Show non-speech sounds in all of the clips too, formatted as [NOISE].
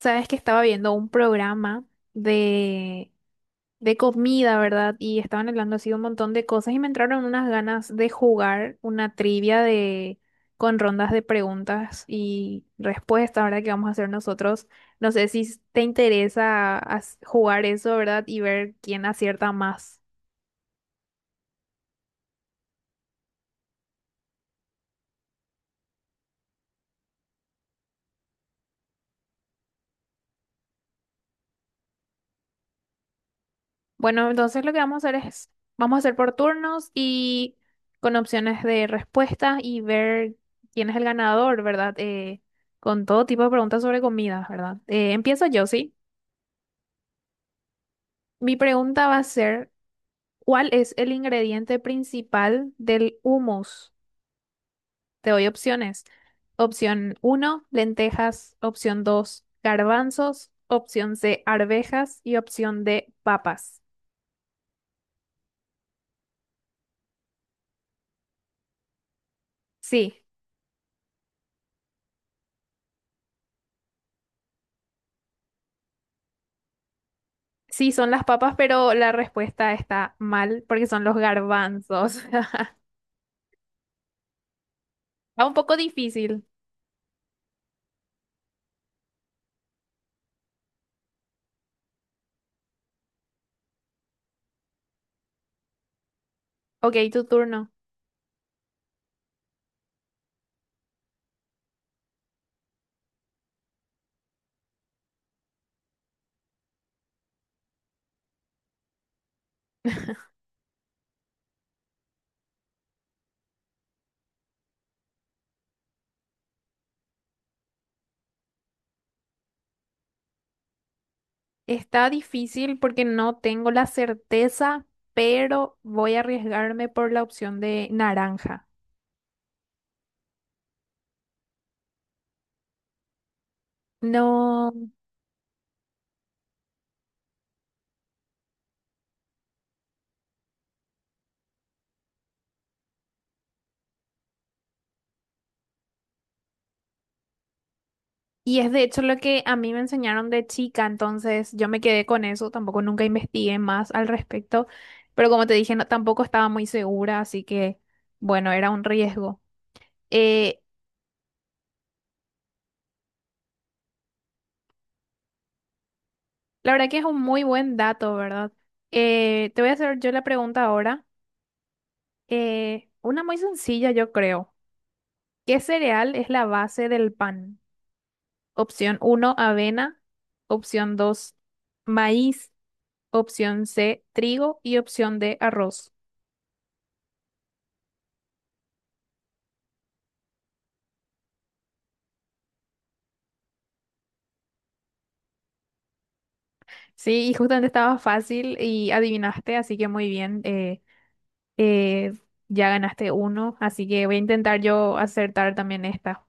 Sabes que estaba viendo un programa de, de comida, ¿verdad? Y estaban hablando así de un montón de cosas y me entraron unas ganas de jugar una trivia de con rondas de preguntas y respuestas, ¿verdad? Que vamos a hacer nosotros. No sé si te interesa jugar eso, ¿verdad? Y ver quién acierta más. Bueno, entonces lo que vamos a hacer es, vamos a hacer por turnos y con opciones de respuestas y ver quién es el ganador, ¿verdad? Con todo tipo de preguntas sobre comidas, ¿verdad? Empiezo yo, ¿sí? Mi pregunta va a ser, ¿cuál es el ingrediente principal del hummus? Te doy opciones. Opción uno, lentejas. Opción dos, garbanzos. Opción C, arvejas. Y opción D, papas. Sí. Sí, son las papas, pero la respuesta está mal porque son los garbanzos. [LAUGHS] Está un poco difícil. Ok, tu turno. Está difícil porque no tengo la certeza, pero voy a arriesgarme por la opción de naranja. No. Y es de hecho lo que a mí me enseñaron de chica, entonces yo me quedé con eso, tampoco nunca investigué más al respecto, pero como te dije, tampoco estaba muy segura, así que bueno, era un riesgo. Eh, La verdad que es un muy buen dato, ¿verdad? Te voy a hacer yo la pregunta ahora. Una muy sencilla, yo creo. ¿Qué cereal es la base del pan? Opción uno, avena. Opción dos, maíz. Opción C, trigo. Y opción D, arroz. Sí, y justamente estaba fácil y adivinaste, así que muy bien. Eh, ya ganaste uno, así que voy a intentar yo acertar también esta.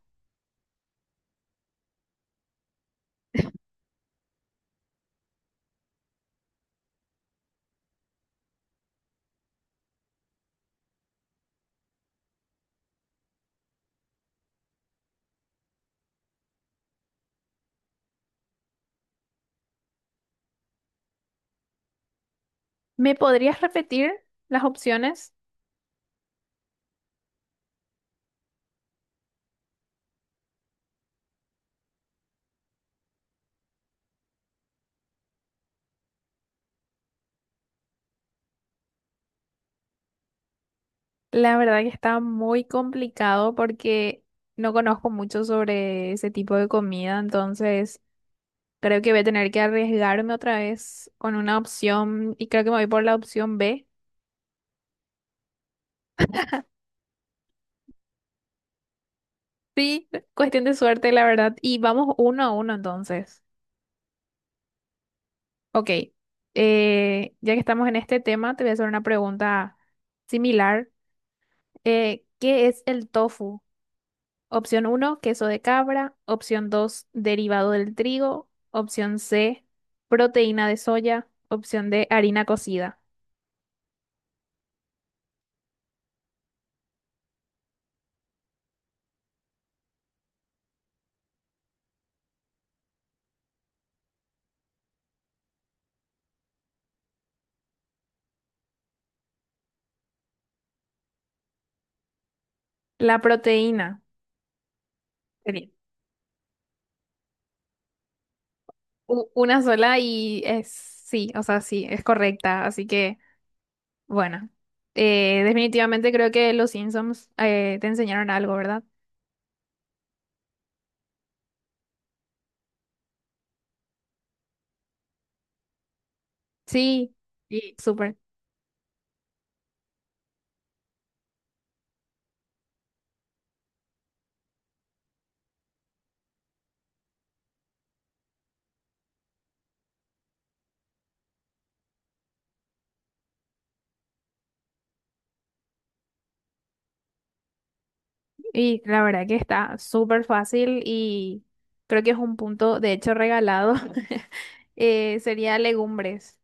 ¿Me podrías repetir las opciones? La verdad que está muy complicado porque no conozco mucho sobre ese tipo de comida, entonces creo que voy a tener que arriesgarme otra vez con una opción y creo que me voy por la opción B. Sí, cuestión de suerte, la verdad. Y vamos uno a uno entonces. Ok, ya que estamos en este tema, te voy a hacer una pregunta similar. ¿Qué es el tofu? Opción uno, queso de cabra. Opción dos, derivado del trigo. Opción C, proteína de soya. Opción D, harina cocida. La proteína. Bien. Una sola y es sí, o sea, sí, es correcta. Así que, bueno, definitivamente creo que los Simpsons te enseñaron algo, ¿verdad? Sí, sí. Súper. Y la verdad que está súper fácil y creo que es un punto, de hecho, regalado. [LAUGHS] Sería legumbres.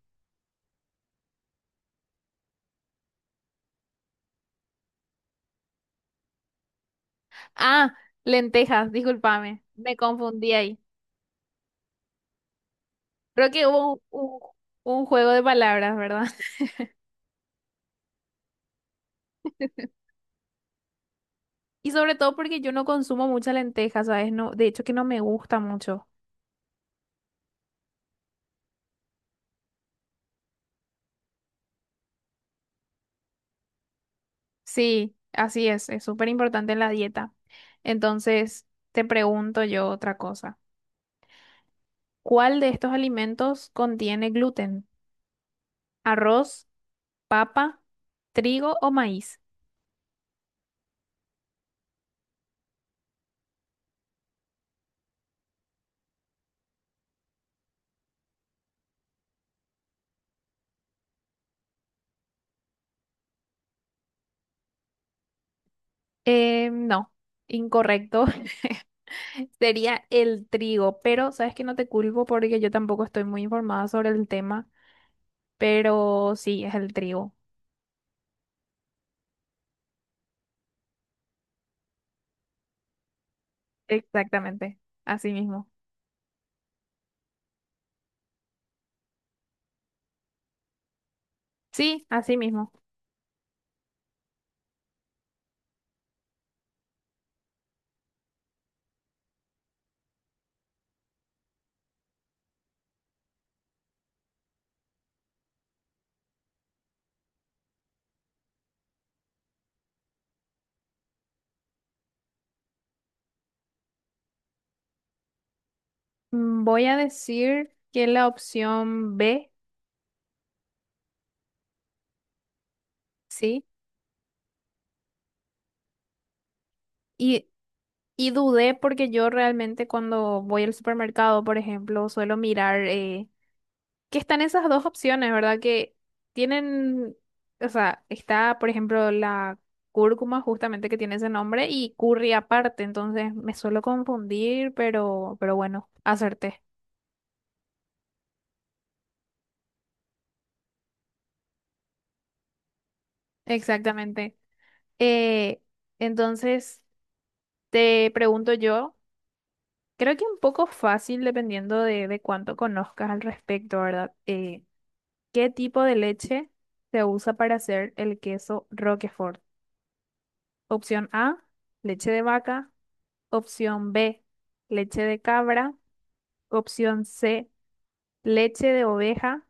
Ah, lentejas, discúlpame, me confundí ahí. Creo que hubo un juego de palabras, ¿verdad? [LAUGHS] Y sobre todo porque yo no consumo mucha lenteja, ¿sabes? No, de hecho que no me gusta mucho. Sí, así es súper importante en la dieta. Entonces, te pregunto yo otra cosa. ¿Cuál de estos alimentos contiene gluten? ¿Arroz, papa, trigo o maíz? No, incorrecto. [LAUGHS] Sería el trigo, pero sabes que no te culpo porque yo tampoco estoy muy informada sobre el tema, pero sí, es el trigo. Exactamente, así mismo. Sí, así mismo. Voy a decir que la opción B, sí, y, y dudé porque yo realmente cuando voy al supermercado, por ejemplo, suelo mirar que están esas dos opciones, ¿verdad? Que tienen, o sea, está, por ejemplo, la cúrcuma justamente que tiene ese nombre y curry aparte, entonces me suelo confundir, pero bueno, acerté. Exactamente. Eh, entonces, te pregunto yo, creo que un poco fácil dependiendo de cuánto conozcas al respecto, ¿verdad? ¿Qué tipo de leche se usa para hacer el queso Roquefort? Opción A, leche de vaca. Opción B, leche de cabra. Opción C, leche de oveja.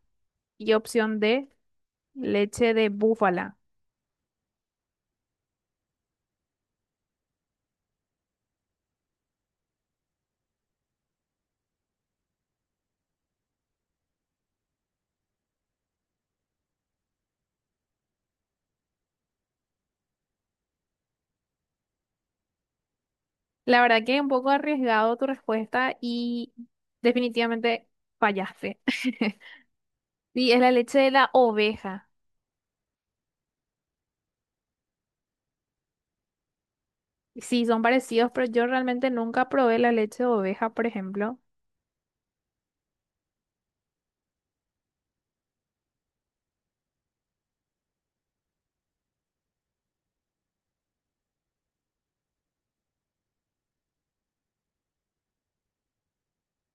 Y opción D, leche de búfala. La verdad que es un poco arriesgado tu respuesta y definitivamente fallaste. [LAUGHS] Sí, es la leche de la oveja. Sí, son parecidos, pero yo realmente nunca probé la leche de oveja, por ejemplo.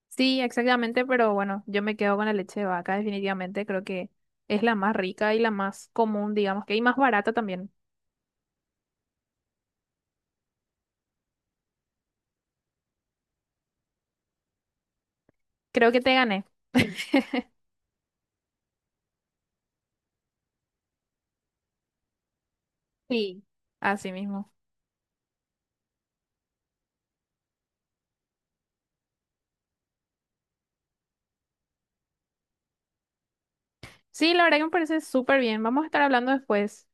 Sí, exactamente, pero bueno, yo me quedo con la leche de vaca, definitivamente. Creo que es la más rica y la más común, digamos que, y más barata también. Creo que te gané. [LAUGHS] Sí, así mismo. Sí, la verdad que me parece súper bien. Vamos a estar hablando después.